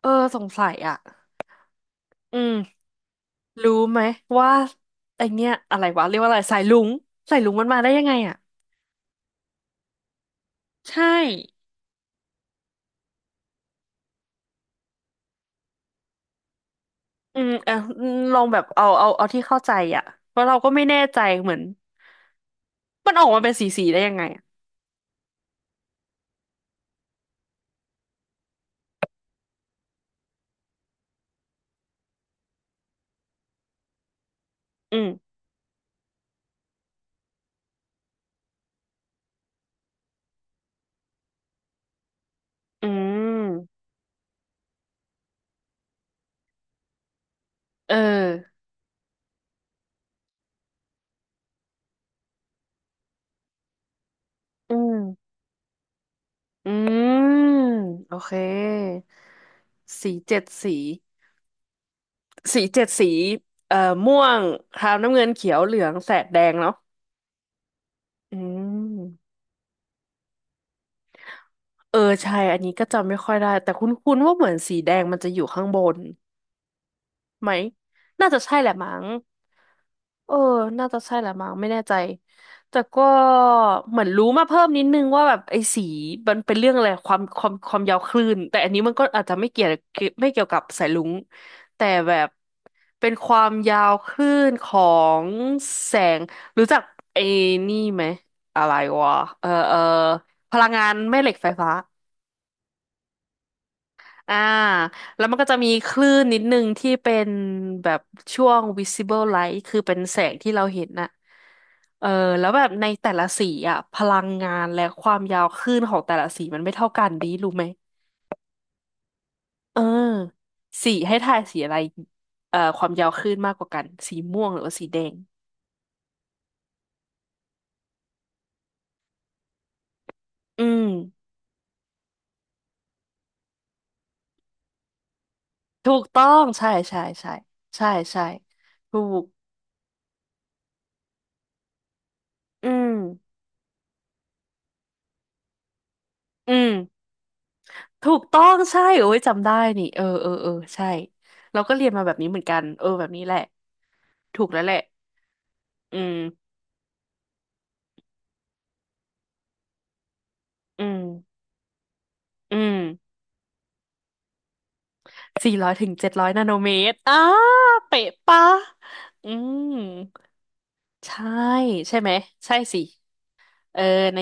เออสงสัยอ่ะอืมรู้ไหมว่าไอเนี้ยอะไรวะเรียกว่าอะไรสายลุงสายลุงมันมาได้ยังไงอ่ะใช่อืมเออลองแบบเอาที่เข้าใจอ่ะเพราะเราก็ไม่แน่ใจเหมือนมันออกมาเป็นสีได้ยังไงอะอืมอืมเอออืมอืมโอเคสีเจ็ดสีสีเจ็ดสีเอ่อม่วงครามน้ำเงินเขียวเหลืองแสดแดงเนาะอืม เออใช่ อันนี้ก็จำไม่ค่อยได้แต่คุ้นๆว่าเหมือนสีแดงมันจะอยู่ข้างบนไหมน่าจะใช่แหละมั้งเออน่าจะใช่แหละมั้งไม่แน่ใจแต่ก็เหมือนรู้มาเพิ่มนิดนึงว่าแบบไอ้สีมันเป็นเรื่องอะไรความยาวคลื่นแต่อันนี้มันก็อาจจะไม่เกี่ยวไม่เกี่ยวกับสายรุ้งแต่แบบเป็นความยาวคลื่นของแสง รู้จักไอ้นี่ไหมอะไรวะเออเออพลังงานแม่เหล็กไฟฟ้า อ่าแล้วมันก็จะมีคลื่นนิดนึงที่เป็นแบบช่วง visible light คือเป็นแสงที่เราเห็นน่ะเออแล้วแบบในแต่ละสีอ่ะพลังงานและความยาวคลื่นของแต่ละสีมันไม่เท่ากันดีรู้ไหมเออสีให้ทายสีอะไรความยาวคลื่นมากกว่ากันสีม่วงหรือว่าสีแดงอืมถูกต้องใช่ใช่ใช่ใช่ใช่ถูกอืมอืม ถูกต้องใช่โอ้ยจำได้นี่เออเออเออใช่เราก็เรียนมาแบบนี้เหมือนกันเออแบบนี้แหละถูกแล้วแหละอืมอืมอืม400-700 นาโนเมตรอ้าเป๊ะปะอืมใช่ใช่ไหมใช่สิเออใน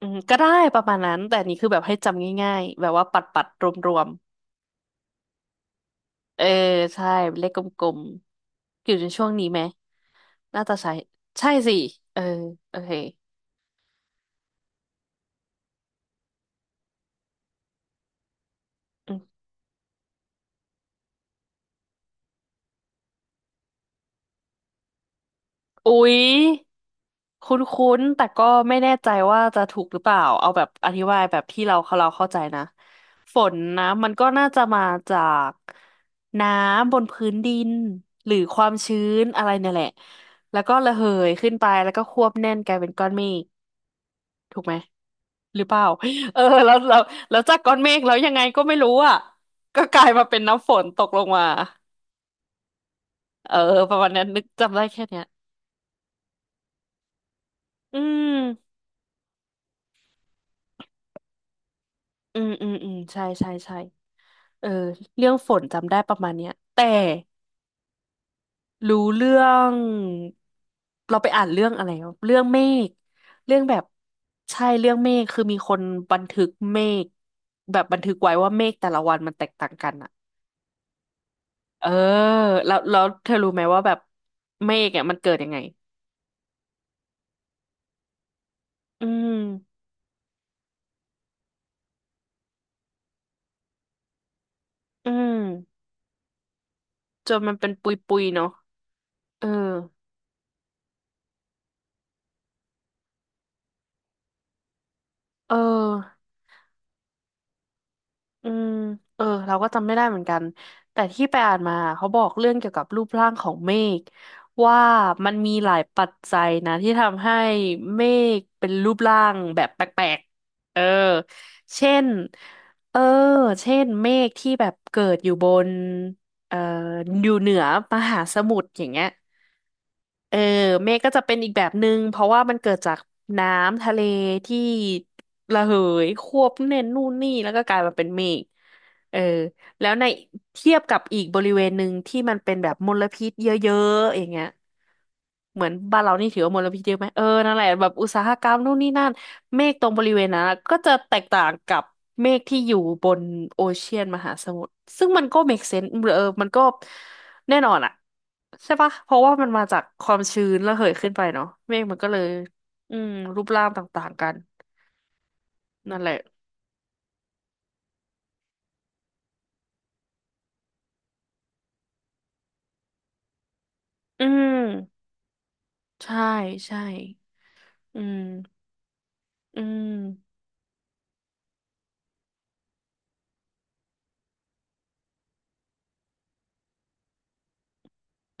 อืมก็ได้ประมาณนั้นแต่อันนี้คือแบบให้จำง่ายๆแบบว่าปัดปัดรวมรวมๆเออใช่เลขกลมๆอยู่ในช่วงนี้ไหมน่าจะใช่ใช่สิเออโอเคอืมอุ๊ย คุ้นๆ แต่ก็ไม่แน่ใจว่าจะถูกหรือเปล่า เอาแบบอธิบายแบบที่เราเข้าใจนะฝนนะมันก็น่าจะมาจากน้ำบนพื้นดินหรือความชื้นอะไรเนี่ยแหละแล้วก็ระเหยขึ้นไปแล้วก็ควบแน่นกลายเป็นก้อนเมฆถูกไหมหรือเปล่า เออแล้วจากก้อนเมฆแล้วยังไงก็ไม่รู้อ่ะก็กลายมาเป็นน้ำฝนตกลงมาเออประมาณนั้นนึกจำได้แค่เนี้ยอืมอืมอืมอืมใช่ใช่ใช่ เออเรื่องฝนจำได้ประมาณเนี้ยแต่รู้เรื่องเราไปอ่านเรื่องอะไรวะเรื่องเมฆเรื่องแบบใช่เรื่องเมฆคือมีคนบันทึกเมฆแบบบันทึกไว้ว่าเมฆแต่ละวันมันแตกต่างกันอะเออแล้วเธอรู้ไหมว่าแบบเมฆเนี่ยมันเกิดยังไงอืมอืมจนมันเป็นปุยๆเนาะเออเออ อืมเออเราก็จำไม่ได้เหมือนกันแต่ที่ไปอ่านมาเขาบอกเรื่องเกี่ยวกับรูปร่างของเมฆว่ามันมีหลายปัจจัยนะที่ทำให้เมฆเป็นรูปร่างแบบแปลกๆเออเช่นเออเช่นเมฆที่แบบเกิดอยู่บนเอ่ออยู่เหนือมหาสมุทรอย่างเงี้ยเออเมฆก็จะเป็นอีกแบบหนึ่งเพราะว่ามันเกิดจากน้ำทะเลที่ ระเหยควบแน่นนู่นนี่แล้วก็กลายมาเป็นเมฆเออ แล้วในเทียบกับอีกบริเวณหนึ่งที่มันเป็นแบบมลพิษเยอะๆอย่างเงี้ยเหมือนบ้านเรานี่ถือว่ามลพิษเยอะไหม เออ นั่นแหละแบบอุตสาหกรรมนู่นนี่นั่น เมฆตรงบริเวณนั้นอะก็จะแตกต่างกับเมฆที่อยู่บนโอเชียนมหาสมุทรซึ่งมันก็ make sense เออมันก็แน่นอนอะใช่ปะเพราะว่ามันมาจากความชื้นระเหยขึ้นไปเนาะเมฆมันก็เลยอืมรูปร่างต่างๆกันนั่นแหละ อืมใช่ใช่อืมอืม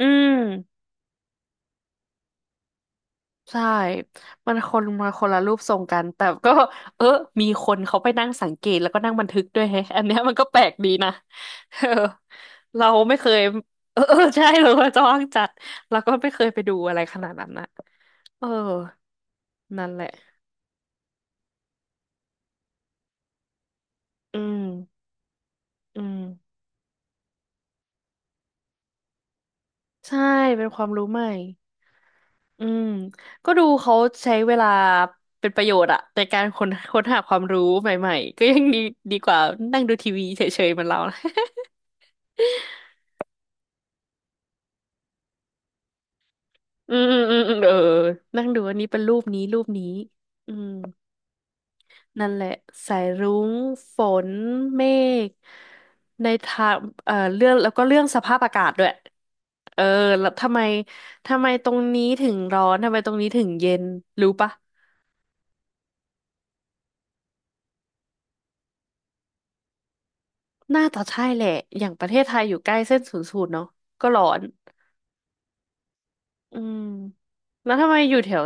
อืมใช่มันคนมาคนละรูปทรงกันแต่ก็เออมีคนเขาไปนั่งสังเกตแล้วก็นั่งบันทึกด้วยแฮะอันเนี้ยมันก็แปลกดีนะ เออเราไม่เคย เออเออใช่เราจะว่างจัดเราก็ไม่เคยไปดูอะไรขนาดนั้นนะเออนั่นแหละอืมอืมใช่เป็นความรู้ใหม่ อืมก็ดูเขาใช้เวลาเป็นประโยชน์อะในการค้นหาความรู้ใหม่ๆก็ยังดีดีกว่านั่งดูทีวีเฉยๆเหมือนเรานะ อืมอืมอืมอืมเออนั่งดูอันนี้เป็นรูปนี้รูปนี้อืมนั่นแหละสายรุ้งฝนเมฆในทางเรื่องแล้วก็เรื่องสภาพอากาศด้วยเออแล้วทำไมตรงนี้ถึงร้อนทำไมตรงนี้ถึงเย็นรู้ปะ น่าจะใช่แหละ อย่างประเทศไทยอยู่ใกล้เส้นศูนย์สูตรเนาะก็ร้อน อืมแล้วทำไมอยู่แถว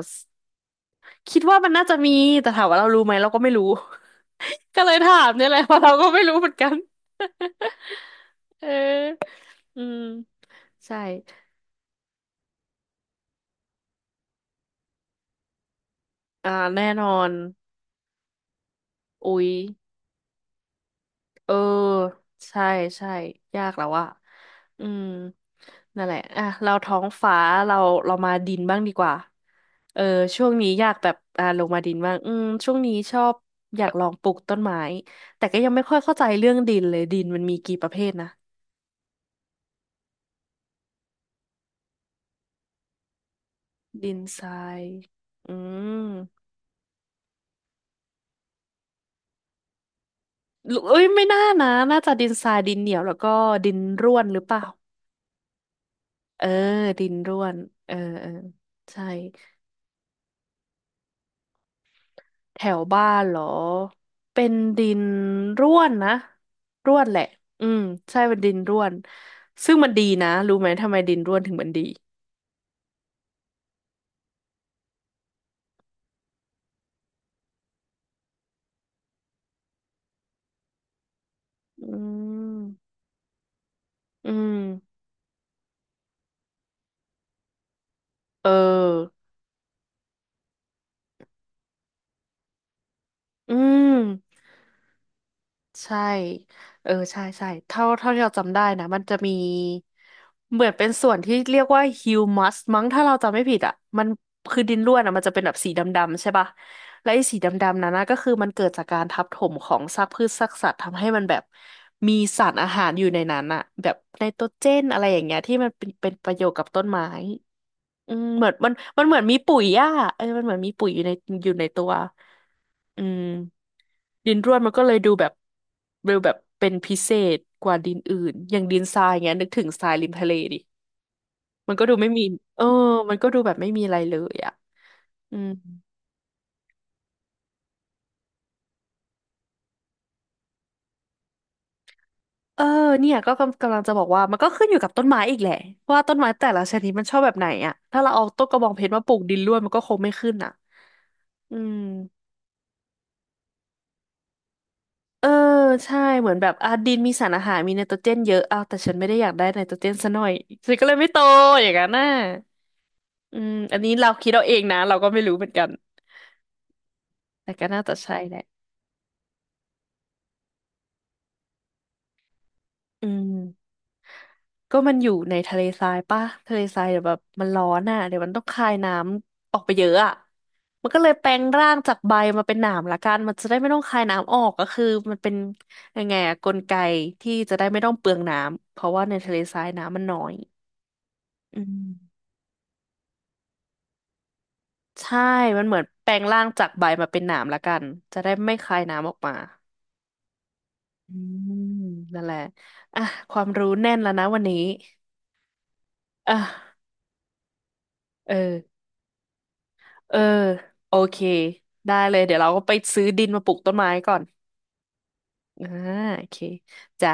คิดว่ามันน่าจะมี แต่ถามว่าเรารู้ไหมเราก็ไม่รู้ ก็เลยถามเนี่ยแหละเพราะเราก็ไม่รู้เหมือนกัน เออ อืม ใช่ อ่า แน่นอน อุ๊ย เออใช่ใช่ยากแล้วอะอืมนั่นแหละอ่ะเราท้องฟ้าเราเรามาดินบ้างดีกว่าเออช่วงนี้อยากแบบลงมาดินบ้างอืมช่วงนี้ชอบอยากลองปลูกต้นไม้แต่ก็ยังไม่ค่อยเข้าใจเรื่องดินเลยดินมันมีกี่ประเภทนะดินทรายอืมหรือเอ้ยไม่น่านะน่าจะดินทรายดินเหนียวแล้วก็ดินร่วนหรือเปล่าเออดินร่วนเออเออใช่ แถวบ้านเหรอ เป็นดินร่วนนะ ร่วนแหละอืมใช่เป็นดินร่วน ซึ่งมันดีนะ รู้ไหมทำไมดินร่วนถึงมันดี อืมอืมเออ อืม ใช่ เออ ใช่ใช่เท่าที่เราจำได้นะมันจะมีเหมือนเป็นส่วนที่เรียกว่าฮิวมัสมั้งถ้าเราจำไม่ผิดอ่ะมันคือดินร่วนอ่ะมันจะเป็นแบบสีดำๆใช่ปะ และไอ้สีดำๆนั้นนะก็คือมันเกิดจากการทับถมของซากพืชซากสัตว์ทำให้มันแบบมีสารอาหารอยู่ในนั้นอ่ะแบบไนโตรเจนอะไรอย่างเงี้ยที่มันเป็นประโยชน์กับต้นไม้ อืมเหมือนมันเหมือนมีปุ๋ยอ่ะเออมันเหมือนมีปุ๋ยอยู่ในตัวอืมดินร่วนมันก็เลยดูแบบดูแบบเป็นพิเศษกว่าดินอื่นอย่างดินทรายเงี้ยนึกถึงทรายริมทะเลดิมันก็ดูไม่มีเออมันก็ดูแบบไม่มีอะไรเลยอ่ะอืมเออเนี่ยก็กำลังจะบอกว่ามันก็ขึ้นอยู่กับต้นไม้อีกแหละว่าต้นไม้แต่ละชนิดมันชอบแบบไหนอ่ะถ้าเราเอาต้นกระบองเพชรมาปลูกดินร่วนมันก็คงไม่ขึ้นอ่ะอืม เออใช่เหมือนแบบอ่ะดินมีสารอาหารมีไนโตรเจนเยอะอ้าวแต่ฉันไม่ได้อยากได้ไนโตรเจนซะหน่อยฉันก็เลยไม่โตอย่างนั้นน่ะอืมอันนี้เราคิดเอาเองนะเราก็ไม่รู้เหมือนกันแต่ก็น่าจะใช่แหละอืมก็มันอยู่ในทะเลทรายป่ะทะเลทรายเดี๋ยวแบบมันร้อนอ่ะเดี๋ยวมันต้องคายน้ำออกไปเยอะอ่ะมันก็เลยแปลงร่างจากใบมาเป็นหนามละกันมันจะได้ไม่ต้องคายน้ำออกก็คือมันเป็นยังไงอะกลไกที่จะได้ไม่ต้องเปลืองน้ำเพราะว่าในทะเลทรายน้ำมันน้อยอืม ใช่ มันเหมือนแปลงร่างจากใบมาเป็นหนามละกัน จะได้ไม่คายน้ำออกมาอืมนั่นแหละอ่ะความรู้แน่นแล้วนะวันนี้อ่ะเออ เออ โอเค ได้เลย เดี๋ยวเราก็ไปซื้อดินมาปลูกต้นไม้ก่อนอ่าโอเคจ้า